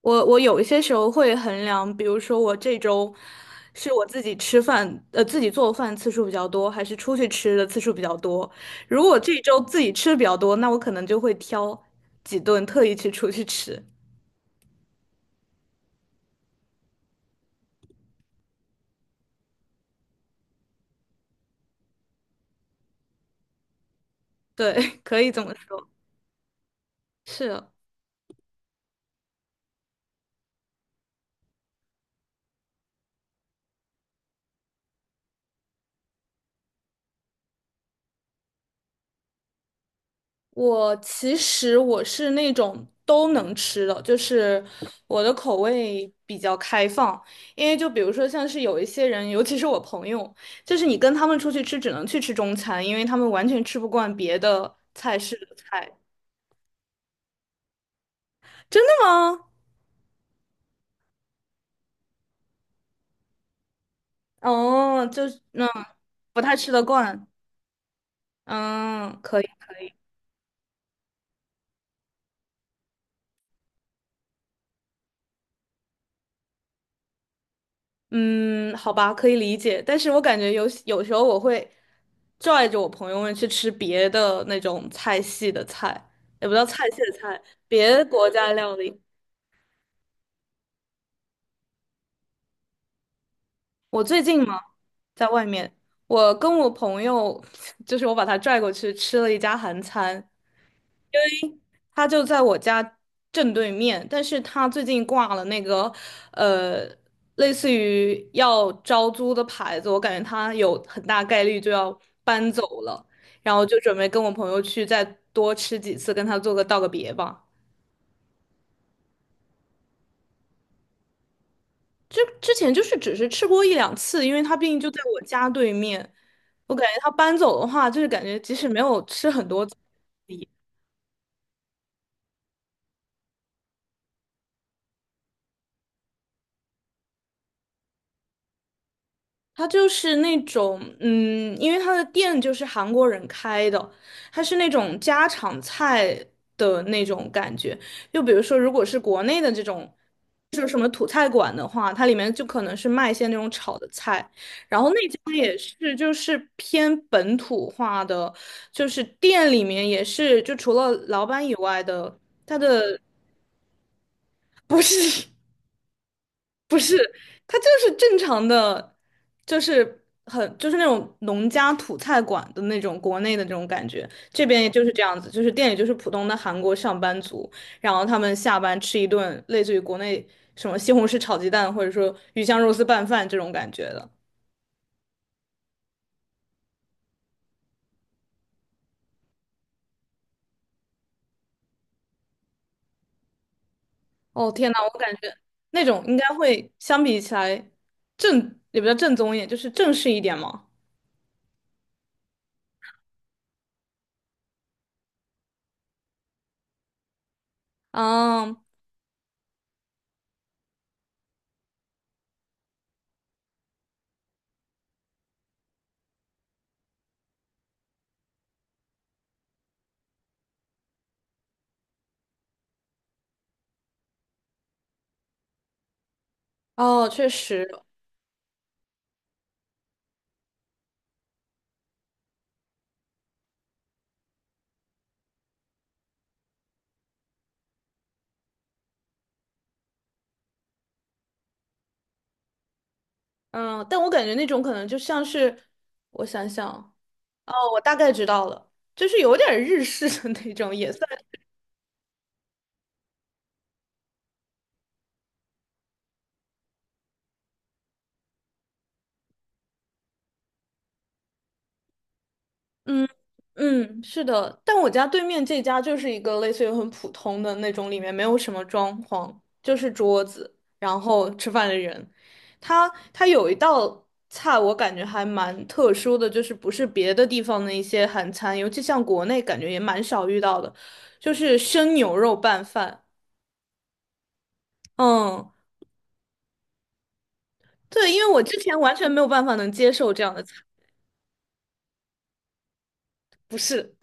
我有一些时候会衡量，比如说我这周是我自己吃饭，自己做饭次数比较多，还是出去吃的次数比较多。如果这周自己吃的比较多，那我可能就会挑几顿特意去出去吃。对，可以这么说，是。我其实是那种都能吃的，就是我的口味比较开放。因为就比如说像是有一些人，尤其是我朋友，就是你跟他们出去吃，只能去吃中餐，因为他们完全吃不惯别的菜式的菜。真的吗？哦，就是不太吃得惯。嗯，可以。嗯，好吧，可以理解，但是我感觉有时候我会拽着我朋友们去吃别的那种菜系的菜，也不叫菜系的菜，别的国家料理。我最近嘛，在外面，我跟我朋友，就是我把他拽过去吃了一家韩餐，他就在我家正对面，但是他最近挂了那个，呃，类似于要招租的牌子，我感觉他有很大概率就要搬走了，然后就准备跟我朋友去再多吃几次，跟他道个别吧。就之前就是只是吃过一两次，因为他毕竟就在我家对面，我感觉他搬走的话，就是感觉即使没有吃很多次。它就是那种，因为它的店就是韩国人开的，它是那种家常菜的那种感觉。就比如说，如果是国内的这种，就是什么土菜馆的话，它里面就可能是卖一些那种炒的菜，然后那家也是就是偏本土化的，就是店里面也是，就除了老板以外的，他的 不是。是，它就是正常的，就是就是那种农家土菜馆的那种国内的这种感觉，这边也就是这样子，就是店里就是普通的韩国上班族，然后他们下班吃一顿类似于国内什么西红柿炒鸡蛋或者说鱼香肉丝拌饭这种感觉的。哦天呐，我感觉那种应该会相比起来也比较正宗一点，就是正式一点嘛。嗯，哦，确实，嗯，但我感觉那种可能就像是，我想想，哦，我大概知道了，就是有点日式的那种，也算 嗯嗯，是的。但我家对面这家就是一个类似于很普通的那种，里面没有什么装潢，就是桌子，然后吃饭的人。他有一道菜，我感觉还蛮特殊的，就是不是别的地方的一些韩餐，尤其像国内感觉也蛮少遇到的，就是生牛肉拌饭。嗯。对，因为我之前完全没有办法能接受这样的菜，不是，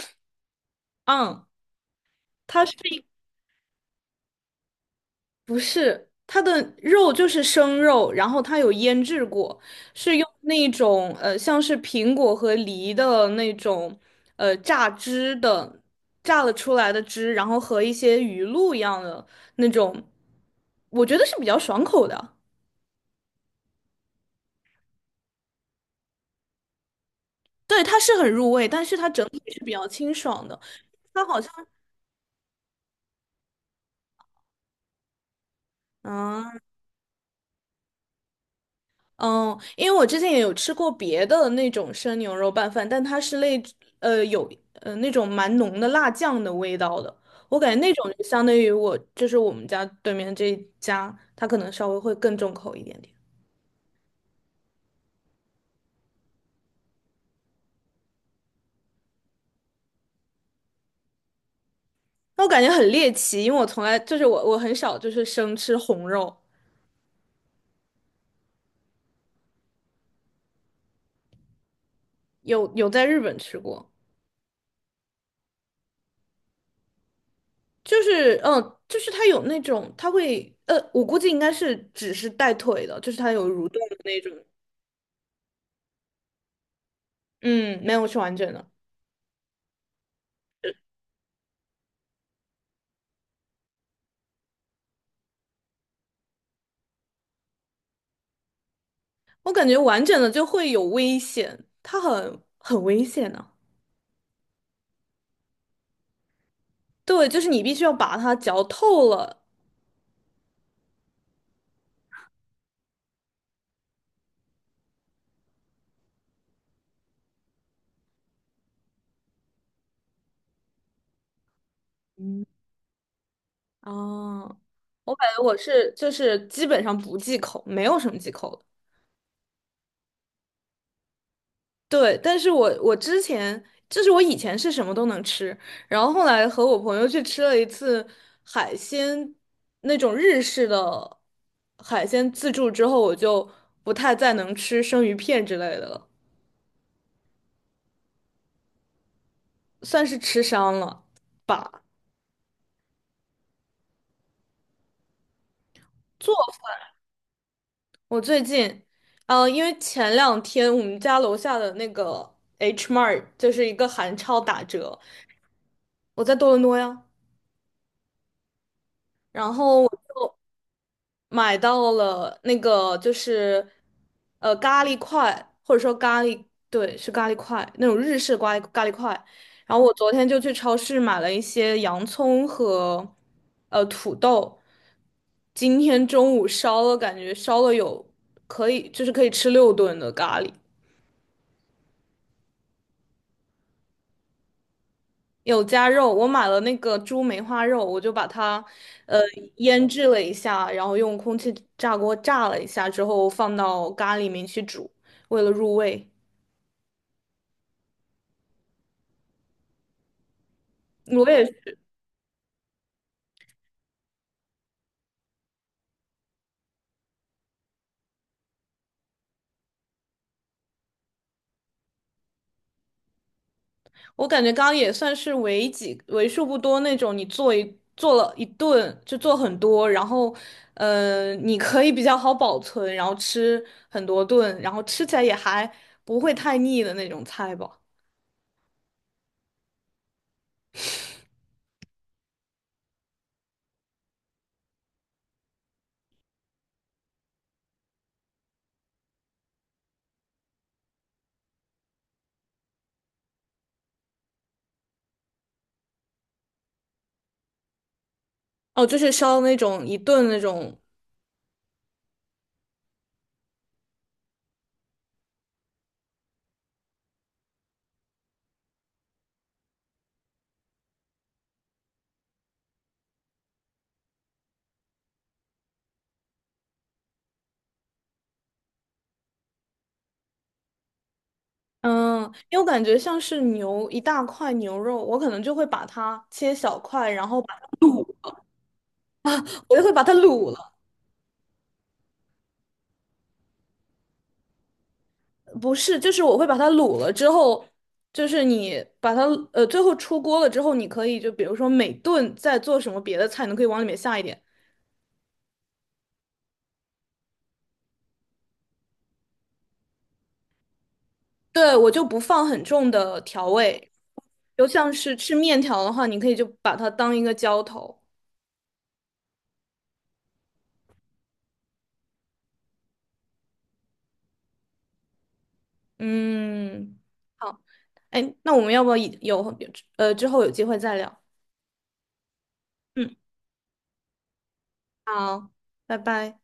嗯，它是一不是它的肉就是生肉，然后它有腌制过，是用那种像是苹果和梨的那种呃榨汁的榨了出来的汁，然后和一些鱼露一样的那种，我觉得是比较爽口的。对，它是很入味，但是它整体是比较清爽的。它好像，嗯。嗯，因为我之前也有吃过别的那种生牛肉拌饭，但它是有那种蛮浓的辣酱的味道的，我感觉那种就相当于就是我们家对面这一家，它可能稍微会更重口一点点。那我感觉很猎奇，因为我从来就是我很少就是生吃红肉，有在日本吃过，就是它有那种它会呃我估计应该是只是带腿的，就是它有蠕动的那种，嗯没有吃完整的。我感觉完整的就会有危险，它很危险呢、对，就是你必须要把它嚼透了。嗯，啊，我感觉就是基本上不忌口，没有什么忌口的。对，但是我之前就是我以前是什么都能吃，然后后来和我朋友去吃了一次海鲜那种日式的海鲜自助之后，我就不太再能吃生鱼片之类的了，算是吃伤了吧。我最近，因为前两天我们家楼下的那个 H Mart 就是一个韩超打折，我在多伦多呀，然后我就买到了那个就是咖喱块，或者说咖喱，对，是咖喱块那种日式咖喱块。然后我昨天就去超市买了一些洋葱和土豆，今天中午烧了，感觉烧了有可以就是可以吃六顿的咖喱。有加肉，我买了那个猪梅花肉，我就把它呃腌制了一下，然后用空气炸锅炸了一下之后放到咖喱里面去煮，为了入味。我也我感觉刚刚也算是为数不多那种你做了一顿就做很多，然后你可以比较好保存，然后吃很多顿，然后吃起来也还不会太腻的那种菜吧。哦，就是烧那种一顿那种嗯，因为我感觉像是一大块牛肉，我可能就会把它切小块，然后我就会把它卤了。不是，就是我会把它卤了之后，就是你把它最后出锅了之后，你可以就比如说每顿再做什么别的菜，你可以往里面下一点。对，我就不放很重的调味，就像是吃面条的话，你可以就把它当一个浇头。嗯，好，哎，那我们要不要之后有机会再聊？嗯，好，拜拜。